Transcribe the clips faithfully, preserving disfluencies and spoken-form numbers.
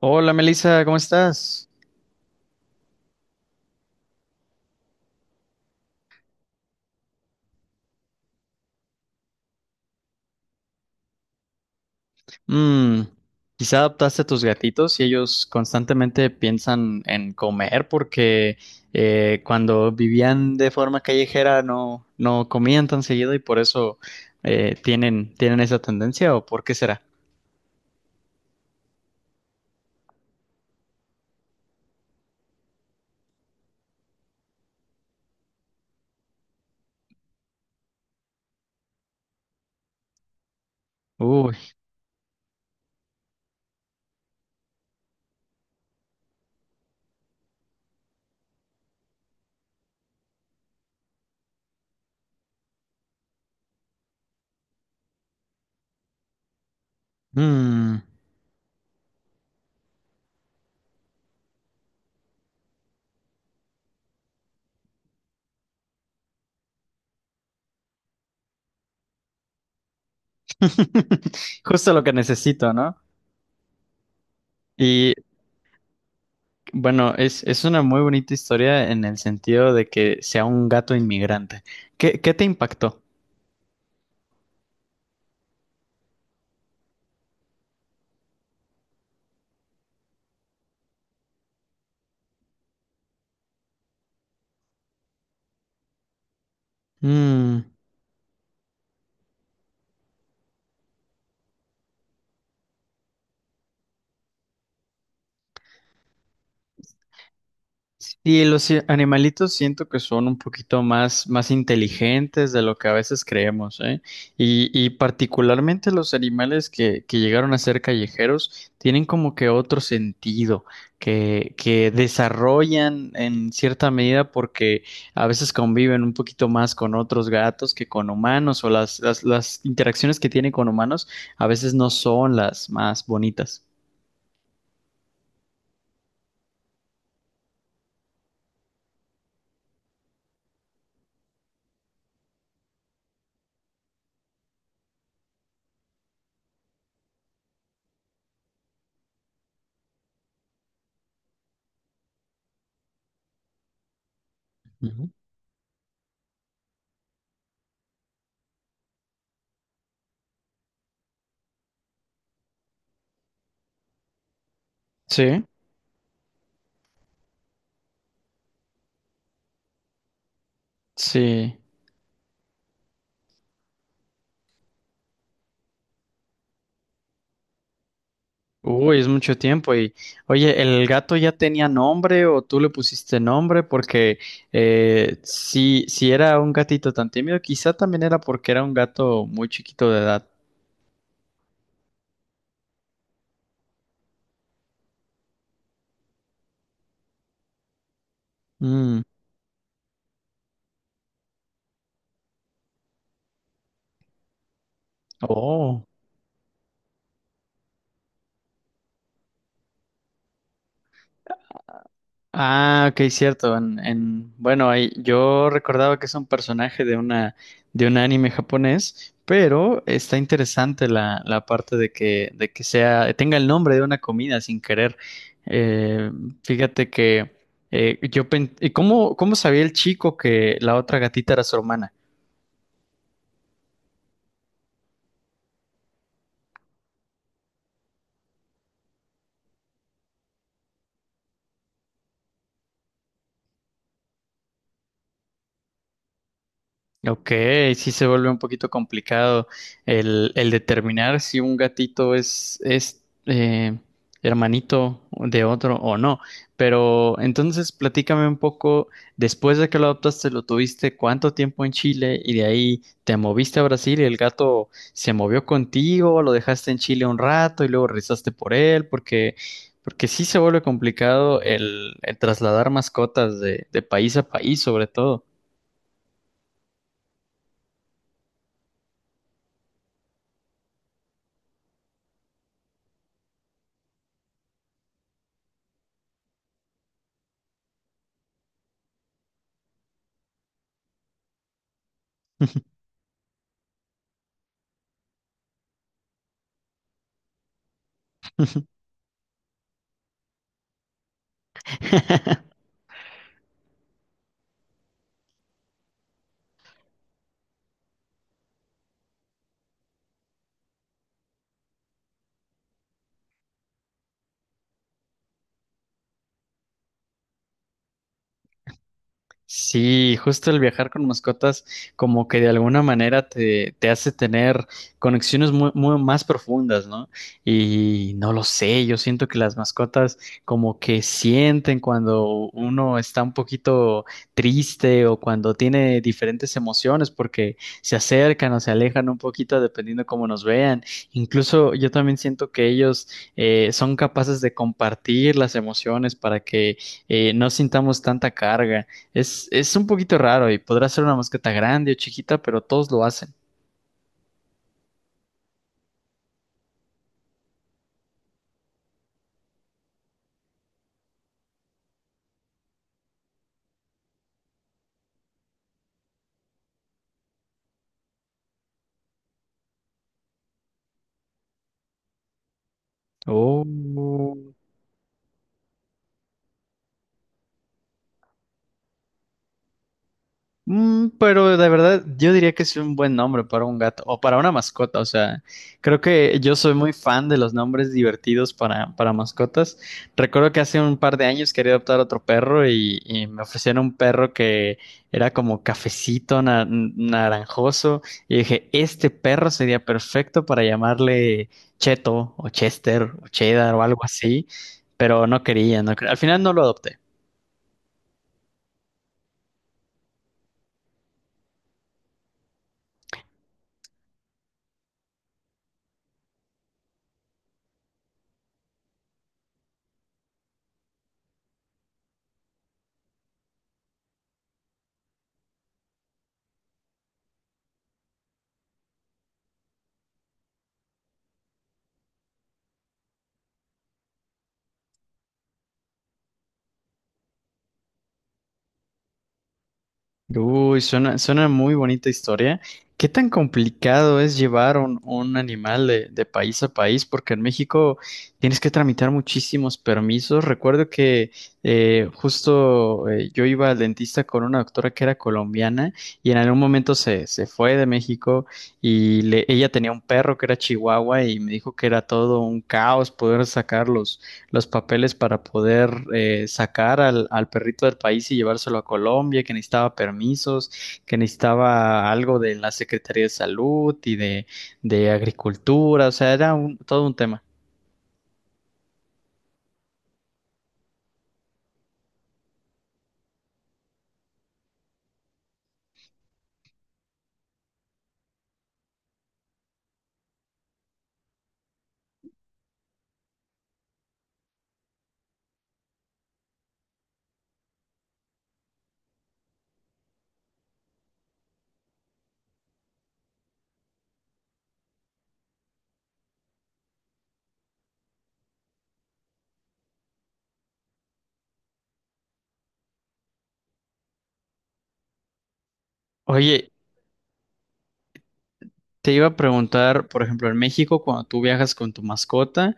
Hola Melissa, ¿cómo estás? Mm, quizá adaptaste a tus gatitos y ellos constantemente piensan en comer porque eh, cuando vivían de forma callejera no, no comían tan seguido y por eso eh, tienen, tienen esa tendencia, ¿o por qué será? Uy, mm. Justo lo que necesito, ¿no? Y bueno, es, es una muy bonita historia en el sentido de que sea un gato inmigrante. ¿Qué, qué te impactó? Mm. Y los i- animalitos siento que son un poquito más, más inteligentes de lo que a veces creemos, ¿eh? Y, y particularmente los animales que, que llegaron a ser callejeros tienen como que otro sentido que, que desarrollan en cierta medida porque a veces conviven un poquito más con otros gatos que con humanos o las, las, las interacciones que tienen con humanos a veces no son las más bonitas. Ujú. Sí, sí. Uy, es mucho tiempo. Y oye, ¿el gato ya tenía nombre o tú le pusiste nombre? Porque eh, si, si era un gatito tan tímido, quizá también era porque era un gato muy chiquito de edad. Mm. Oh. Ah, ok, cierto. En, en- bueno, ahí, yo recordaba que es un personaje de una, de un anime japonés, pero está interesante la, la parte de que, de que sea, tenga el nombre de una comida sin querer. Eh, Fíjate que eh, yo pen- ¿y ¿cómo, cómo sabía el chico que la otra gatita era su hermana? Ok, sí se vuelve un poquito complicado el, el determinar si un gatito es, es eh, hermanito de otro o no. Pero entonces platícame un poco, después de que lo adoptaste, lo tuviste cuánto tiempo en Chile y de ahí te moviste a Brasil y el gato se movió contigo, lo dejaste en Chile un rato y luego rezaste por él, porque, porque sí se vuelve complicado el, el trasladar mascotas de de país a país, sobre todo. Sí, justo el viajar con mascotas como que de alguna manera te, te hace tener conexiones muy, muy más profundas, ¿no? Y no lo sé, yo siento que las mascotas como que sienten cuando uno está un poquito triste o cuando tiene diferentes emociones porque se acercan o se alejan un poquito dependiendo cómo nos vean. Incluso yo también siento que ellos eh, son capaces de compartir las emociones para que eh, no sintamos tanta carga. Es, es un poquito raro y podrá ser una mosqueta grande o chiquita, pero todos lo hacen. Oh. Mm, pero de verdad, yo diría que es un buen nombre para un gato o para una mascota. O sea, creo que yo soy muy fan de los nombres divertidos para, para mascotas. Recuerdo que hace un par de años quería adoptar otro perro y, y me ofrecieron un perro que era como cafecito, na- naranjoso. Y dije, este perro sería perfecto para llamarle Cheto o Chester o Cheddar o algo así. Pero no quería, no quería. Al final no lo adopté. Uy, suena, suena muy bonita historia. ¿Qué tan complicado es llevar un, un animal de, de país a país? Porque en México tienes que tramitar muchísimos permisos. Recuerdo que eh, justo eh, yo iba al dentista con una doctora que era colombiana y en algún momento se, se fue de México y le- ella tenía un perro que era chihuahua y me dijo que era todo un caos poder sacarlos los papeles para poder eh, sacar al, al, perrito del país y llevárselo a Colombia, que necesitaba permisos, que necesitaba algo de la Secretaría de Salud y de, de Agricultura, o sea, era un, todo un tema. Oye, te iba a preguntar, por ejemplo, en México, cuando tú viajas con tu mascota,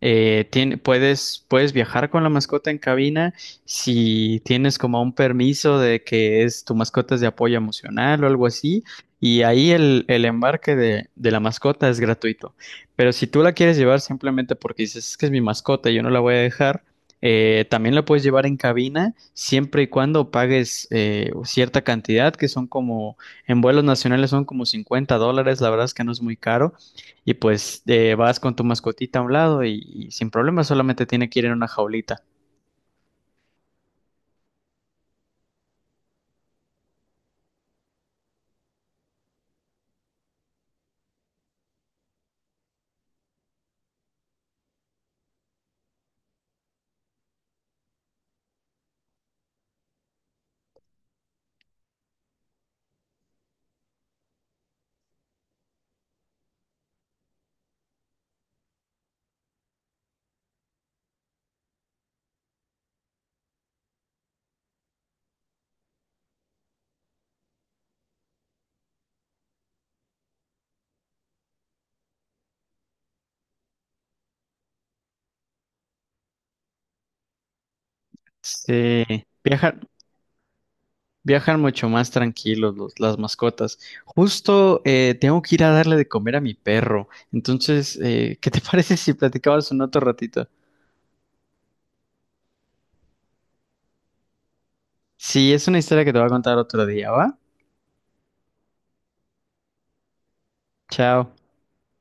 eh, tien- puedes, puedes viajar con la mascota en cabina si tienes como un permiso de que es tu mascota es de apoyo emocional o algo así, y ahí el, el embarque de, de la mascota es gratuito. Pero si tú la quieres llevar simplemente porque dices, es que es mi mascota y yo no la voy a dejar, eh, también la puedes llevar en cabina siempre y cuando pagues eh, cierta cantidad, que son como... En vuelos nacionales son como cincuenta dólares, la verdad es que no es muy caro. Y pues eh, vas con tu mascotita a un lado y, y sin problema, solamente tiene que ir en una jaulita. Sí, viajan, viajan mucho más tranquilos los- las mascotas. Justo eh, tengo que ir a darle de comer a mi perro. Entonces, eh, ¿qué te parece si platicabas un otro ratito? Sí, es una historia que te voy a contar otro día, ¿va? Chao.